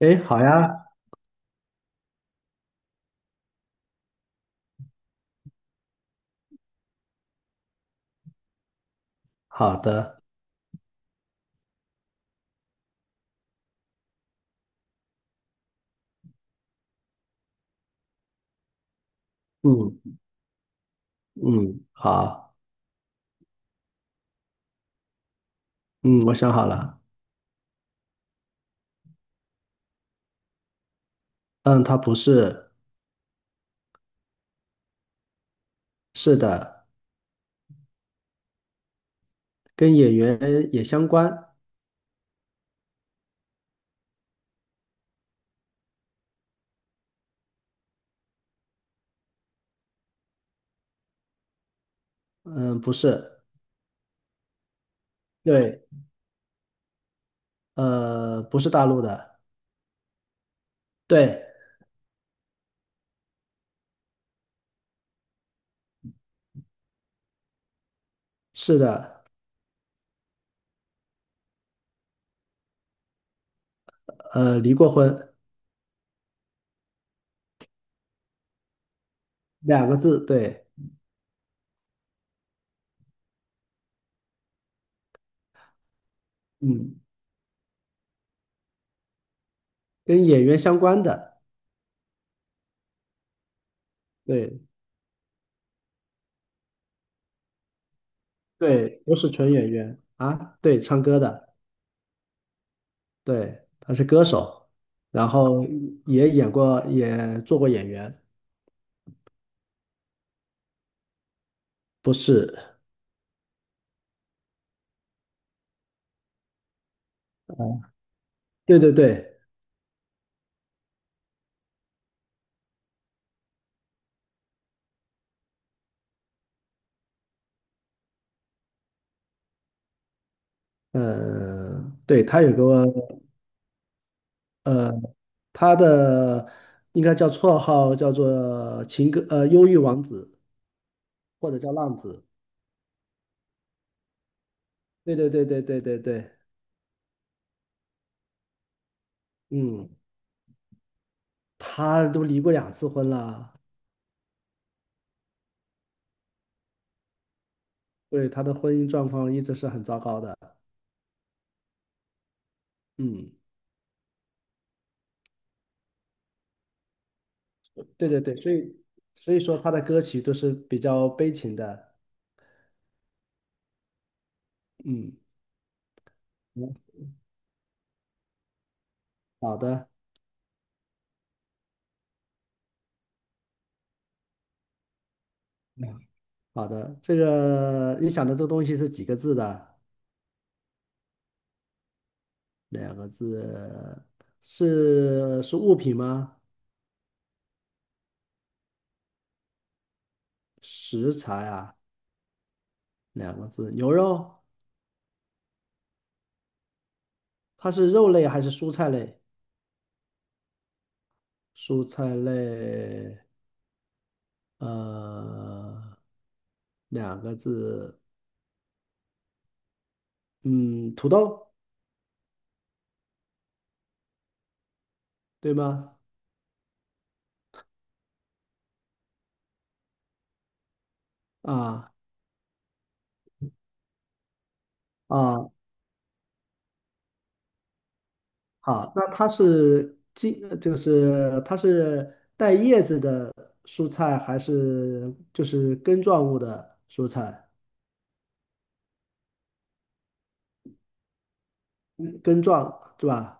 哎，好呀。好的。嗯嗯。好。嗯，我想好了。嗯，他不是。是的。跟演员也相关。嗯，不是。对，不是大陆的。对。是的。离过婚。两个字，对。嗯，跟演员相关的。对对，不是纯演员啊，对，唱歌的。对，他是歌手，然后也演过，也做过演员。不是。对对对。嗯，对，他有个呃，他的应该叫绰号叫做情歌忧郁王子或者叫浪子。对对对对对对对。嗯，他都离过两次婚了。对，他的婚姻状况一直是很糟糕的。嗯。对对对，所以说他的歌曲都是比较悲情的。嗯。嗯，好的。嗯，好的。这个你想的这个东西是几个字的？两个字，是物品吗？食材啊，两个字。牛肉。它是肉类还是蔬菜类？蔬菜类。呃，两个字，嗯，土豆，对吗？啊啊，好，那它是茎，就是它是带叶子的蔬菜，还是就是根状物的蔬菜？根状，对吧？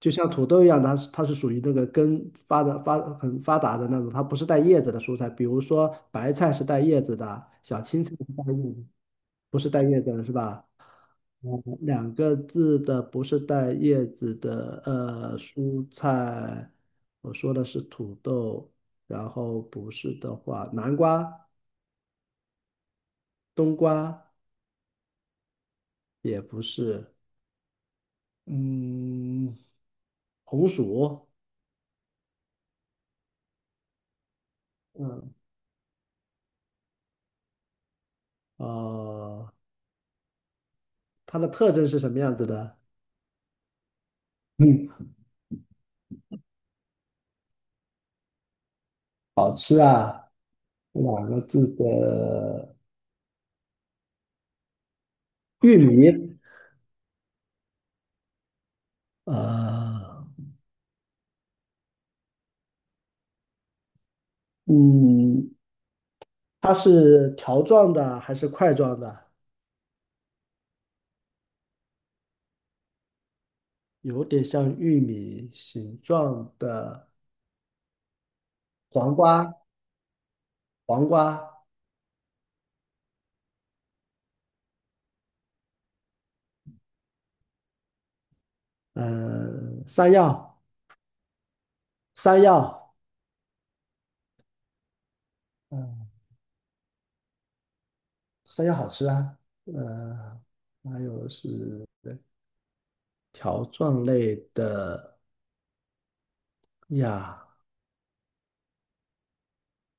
就像土豆一样，它是它是属于那个根发的很发达的那种，它不是带叶子的蔬菜。比如说白菜是带叶子的，小青菜是带叶子。不是带叶子的是吧？嗯，两个字的不是带叶子的蔬菜，我说的是土豆，然后不是的话，南瓜、冬瓜也不是。嗯，红薯。嗯，呃。它的特征是什么样子的？嗯，两个字的，玉米。呃，嗯，它是条状的还是块状的？有点像玉米形状的。黄瓜，黄瓜。嗯、山药，山药。嗯、山药好吃啊。呃，还有是条状类的呀。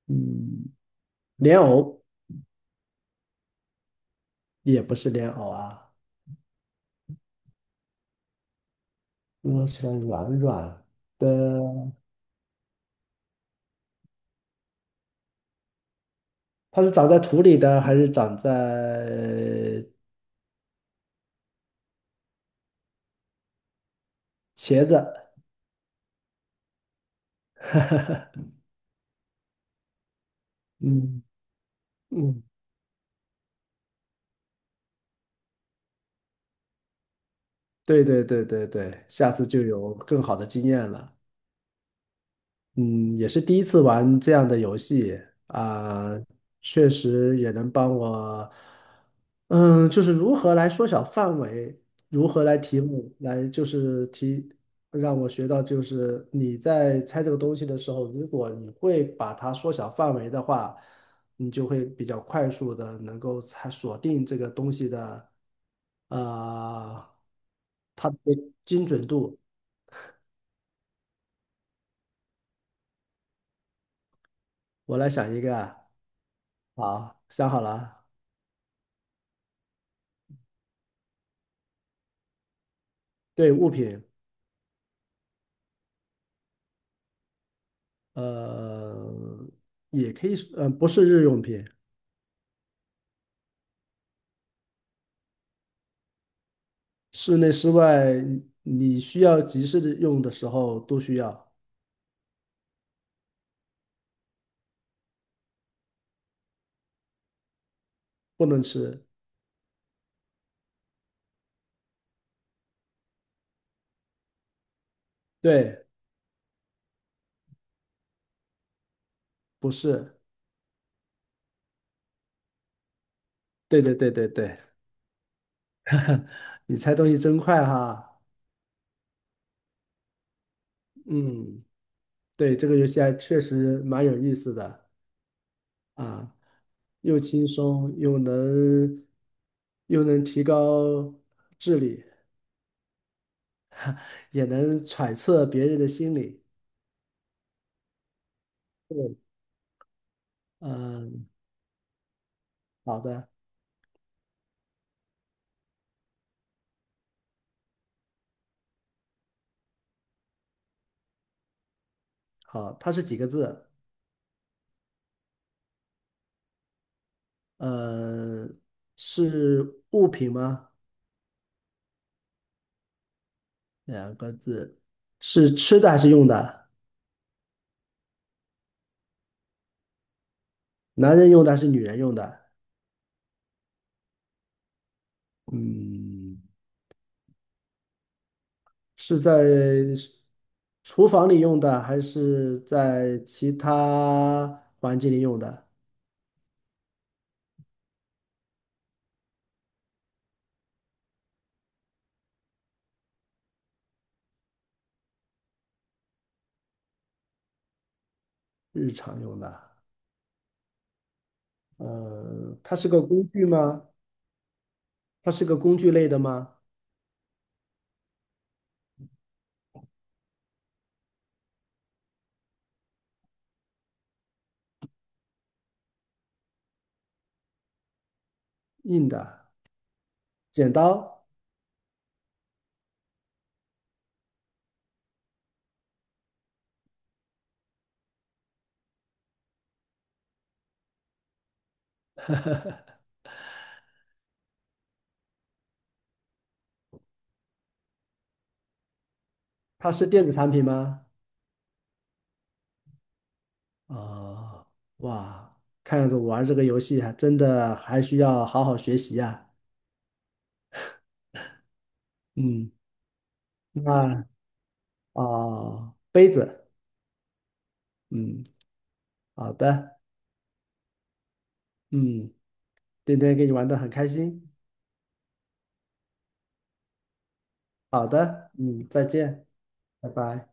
嗯，莲藕，也不是莲藕啊。摸起来软软的，它是长在土里的还是长在，茄子？嗯嗯，对对对对对，下次就有更好的经验了。嗯，也是第一次玩这样的游戏啊，确实也能帮我，嗯，就是如何来缩小范围，如何来题目，来就是提，让我学到就是你在猜这个东西的时候，如果你会把它缩小范围的话，你就会比较快速的能够猜锁定这个东西的，呃，它的精准度。我来想一个啊，好，想好了啊。对，物品。呃，也可以是，不是日用品。室内室外，你需要及时的用的时候都需要。不能吃。对。不是。对对对对对，你猜东西真快哈。嗯，对，这个游戏还确实蛮有意思的啊，又轻松，又能又能提高智力，也能揣测别人的心理。对。嗯，好的。好，它是几个字？呃，是物品吗？两个字，是吃的还是用的？男人用的还是女人用的？嗯，是在厨房里用的，还是在其他环境里用的？日常用的。它是个工具吗？它是个工具类的吗？硬的，剪刀。它是电子产品吗？啊，哇，看样子玩这个游戏还真的还需要好好学习呀。嗯，那，啊，杯子。嗯，好的。嗯，今天跟你玩的很开心。好的，嗯，再见，拜拜。